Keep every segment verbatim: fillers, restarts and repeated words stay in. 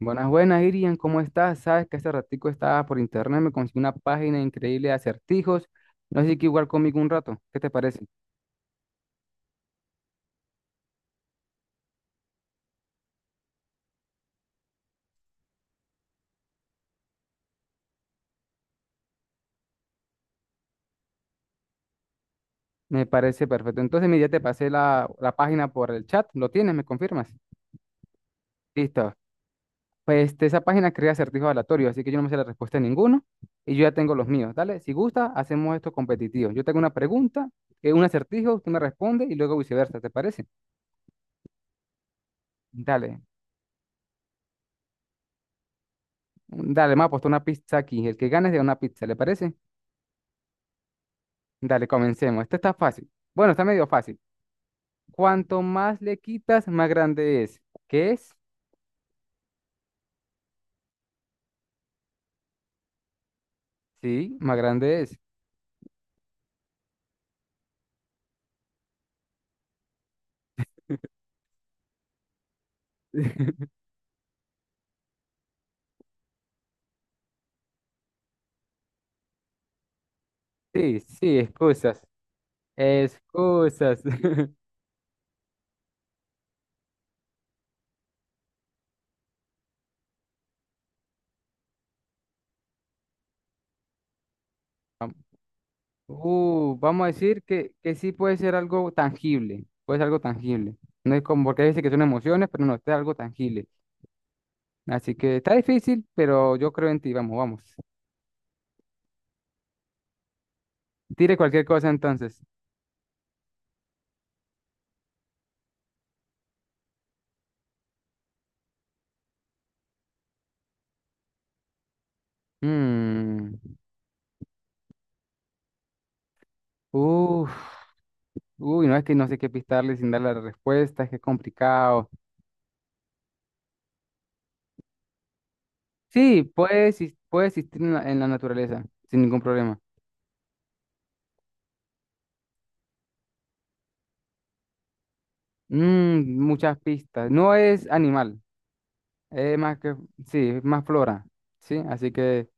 Buenas, buenas, Irian, ¿cómo estás? Sabes que hace ratico estaba por internet, me conseguí una página increíble de acertijos. No sé si quieres jugar conmigo un rato. ¿Qué te parece? Me parece perfecto. Entonces, mira, ya te pasé la, la página por el chat. ¿Lo tienes? ¿Me confirmas? Listo. Pues este, esa página crea acertijos aleatorios, así que yo no me sé la respuesta de ninguno y yo ya tengo los míos. Dale, si gusta, hacemos esto competitivo. Yo tengo una pregunta, eh, un acertijo, tú me respondes y luego viceversa, ¿te parece? Dale, dale, me ha puesto una pizza aquí. El que gane se da una pizza, ¿le parece? Dale, comencemos. Este está fácil. Bueno, está medio fácil. Cuanto más le quitas, más grande es. ¿Qué es? Sí, más grande es. Sí, sí, excusas. Excusas. Uh, vamos a decir que, que sí puede ser algo tangible. Puede ser algo tangible. No es como porque dice que son emociones, pero no, este es algo tangible. Así que está difícil, pero yo creo en ti. Vamos, vamos. Tire cualquier cosa entonces. Mm. Uf. Uy, no es que no sé qué pistarle sin dar la respuesta, es que es complicado. Sí, puede, exis- puede existir en la, en la naturaleza, sin ningún problema. Mm, muchas pistas. No es animal, es más que, sí, es más flora, ¿sí? Así que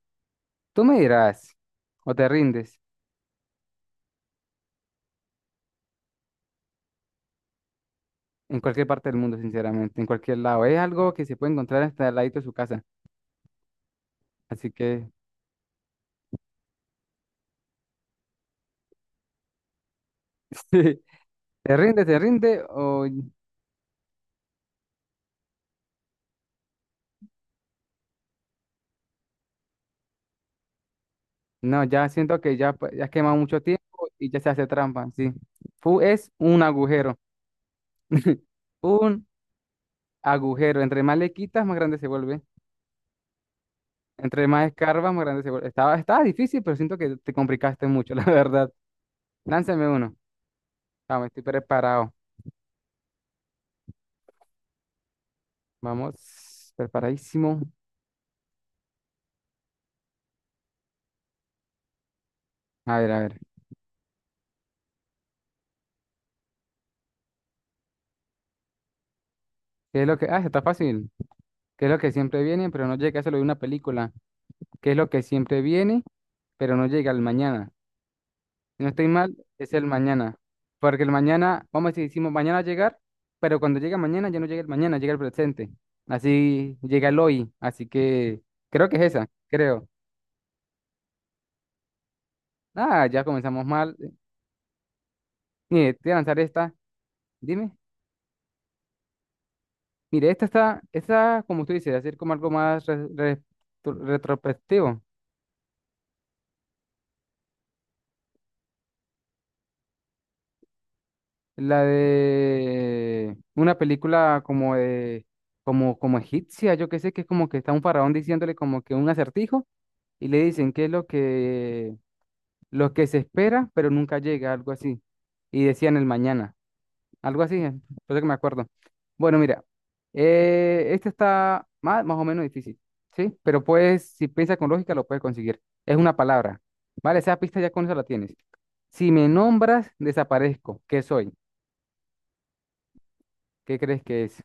tú me dirás, o te rindes, en cualquier parte del mundo, sinceramente, en cualquier lado. Es algo que se puede encontrar hasta al ladito de su casa. Así que, sí, ¿te rinde, te rinde o...? No, ya siento que ya, pues, ya has quemado mucho tiempo y ya se hace trampa, sí. Fu es un agujero. Un agujero. Entre más le quitas, más grande se vuelve. Entre más escarbas, más grande se vuelve. Estaba, estaba difícil, pero siento que te complicaste mucho, la verdad. Lánzame uno. Vamos, estoy preparado. Vamos, preparadísimo. A ver, a ver. ¿Qué es lo que... Ah, está fácil. ¿Qué es lo que siempre viene, pero no llega? Eso lo de una película. ¿Qué es lo que siempre viene, pero no llega al mañana? Si no estoy mal, es el mañana. Porque el mañana, vamos a decir, decimos mañana llegar, pero cuando llega mañana ya no llega el mañana, llega el presente. Así llega el hoy. Así que creo que es esa, creo. Ah, ya comenzamos mal. Mire, te voy a lanzar esta. Dime. Mire, esta está, esta, como tú dices, hacer como algo más re- re- tu- retrospectivo. La de una película como de, como, como egipcia, yo qué sé, que es como que está un faraón diciéndole como que un acertijo, y le dicen que es lo que, lo que se espera, pero nunca llega, algo así. Y decían el mañana, algo así, eh, por eso que me acuerdo. Bueno, mira, eh, este está más, más o menos difícil, ¿sí? Pero puedes, si piensas con lógica, lo puedes conseguir. Es una palabra, ¿vale? Esa pista ya con eso la tienes. Si me nombras, desaparezco. ¿Qué soy? ¿Qué crees que es?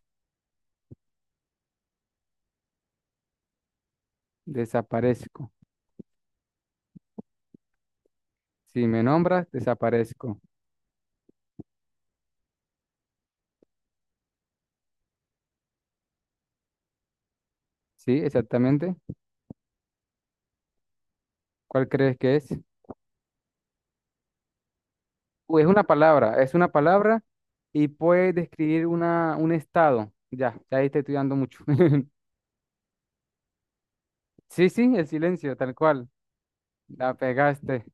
Desaparezco. Si me nombras, desaparezco. ¿Sí? Exactamente. ¿Cuál crees que es? Uy, es una palabra, es una palabra y puede describir una, un estado. Ya, ya ahí te estoy dando mucho. Sí, sí, el silencio, tal cual. La pegaste.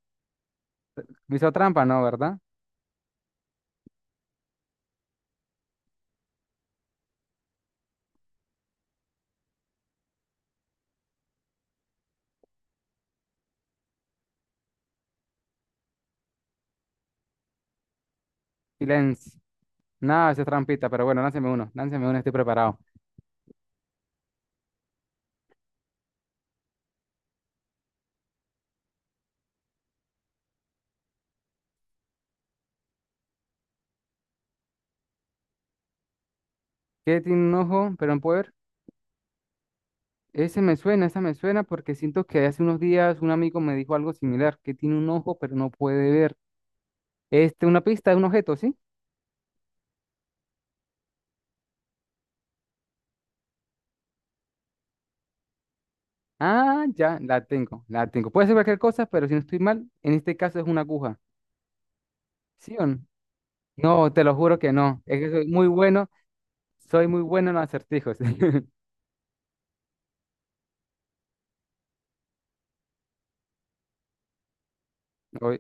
Me hizo trampa, ¿no? ¿Verdad? Silencio. Nada, esa es trampita, pero bueno, lánceme uno, lánceme uno, estoy preparado. ¿Qué tiene un ojo, pero no puede ver? Ese me suena, esa me suena porque siento que hace unos días un amigo me dijo algo similar, que tiene un ojo, pero no puede ver. Este, una pista de un objeto, ¿sí? Ah, ya, la tengo, la tengo. Puede ser cualquier cosa, pero si no estoy mal, en este caso es una aguja. ¿Sí o no? No, te lo juro que no. Es que soy muy bueno, soy muy bueno en los acertijos. Oye,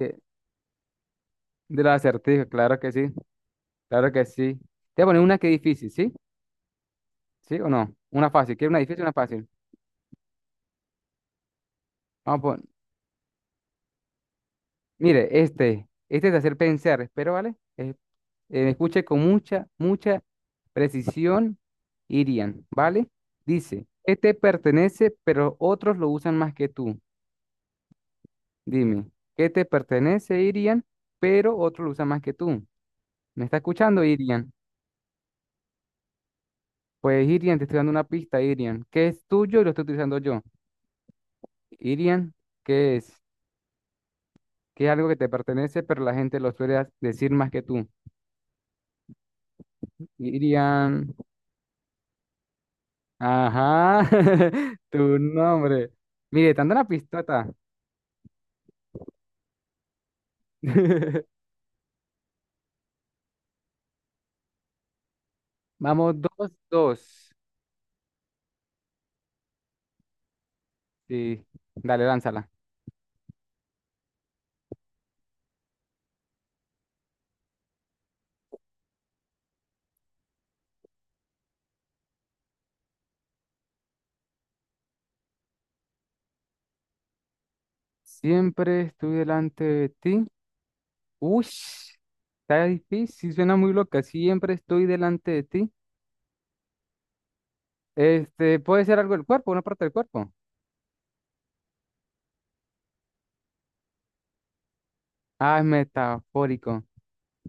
eh, de los acertijos, claro que sí, claro que sí. Te voy a poner una que es difícil, ¿sí? ¿Sí o no? Una fácil, ¿quieres una difícil o una fácil? Vamos a pon- Mire, este, este es de hacer pensar, espero, ¿vale? Eh, eh, escuche con mucha, mucha precisión, Irian, ¿vale? Dice, ¿qué te pertenece, pero otros lo usan más que tú? Dime, ¿qué te pertenece, Irian, pero otros lo usan más que tú? ¿Me está escuchando, Irian? Pues, Irian, te estoy dando una pista, Irian. ¿Qué es tuyo y lo estoy utilizando yo? Irian, ¿qué es? ¿Qué es algo que te pertenece, pero la gente lo suele a- decir más que tú? Irian, ajá, tu nombre. Mire, te ando una pistota. Vamos, dos, dos. Sí, dale, lánzala. Siempre estoy delante de ti. Uy, está difícil, suena muy loca. Siempre estoy delante de ti. Este, puede ser algo del cuerpo, una parte del cuerpo. Ah, es metafórico.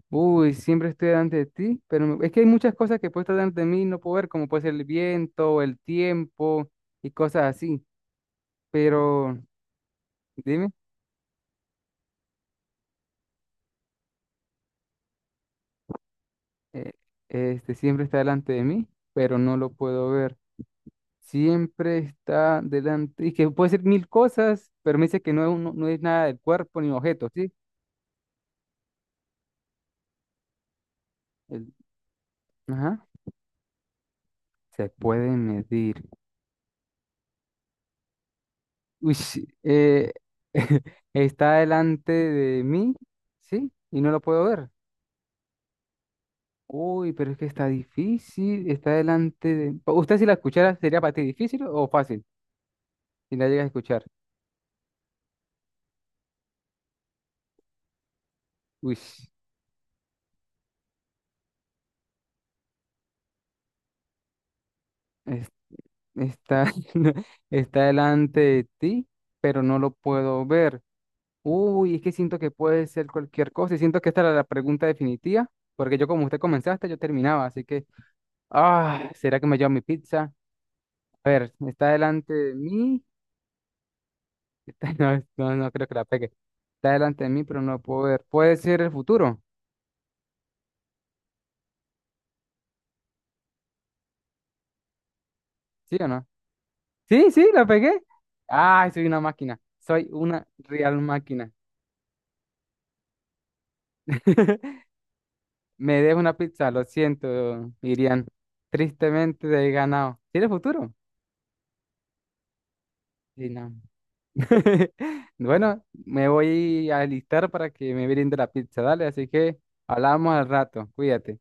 Uy, siempre estoy delante de ti, pero me- es que hay muchas cosas que puede estar delante de mí y no puedo ver, como puede ser el viento, el tiempo y cosas así. Pero, dime, eh, este, siempre está delante de mí, pero no lo puedo ver. Siempre está delante, y que puede ser mil cosas, pero me dice que no es, un- no es nada del cuerpo ni objeto, ¿sí? El- ajá. Se puede medir. Uy, sí, eh, está delante de mí, ¿sí? Y no lo puedo ver. Uy, pero es que está difícil, está delante de... Pa- ¿Usted si la escuchara sería para ti difícil o fácil? Si la llegas a escuchar. Uy, es- está, está delante de ti, pero no lo puedo ver. Uy, es que siento que puede ser cualquier cosa y siento que esta era la pregunta definitiva, porque yo como usted comenzaste, yo terminaba, así que... Ah, ¿será que me llevo mi pizza? A ver, está delante de mí. No, no, no creo que la pegue. Está delante de mí, pero no puedo ver. ¿Puede ser el futuro? ¿Sí o no? Sí, sí, la pegué. Ay, soy una máquina. Soy una real máquina. Me dejo una pizza, lo siento, Irian. Tristemente he ganado. ¿Tiene futuro? Sí, no. Bueno, me voy a alistar para que me brinde la pizza, dale. Así que hablamos al rato. Cuídate.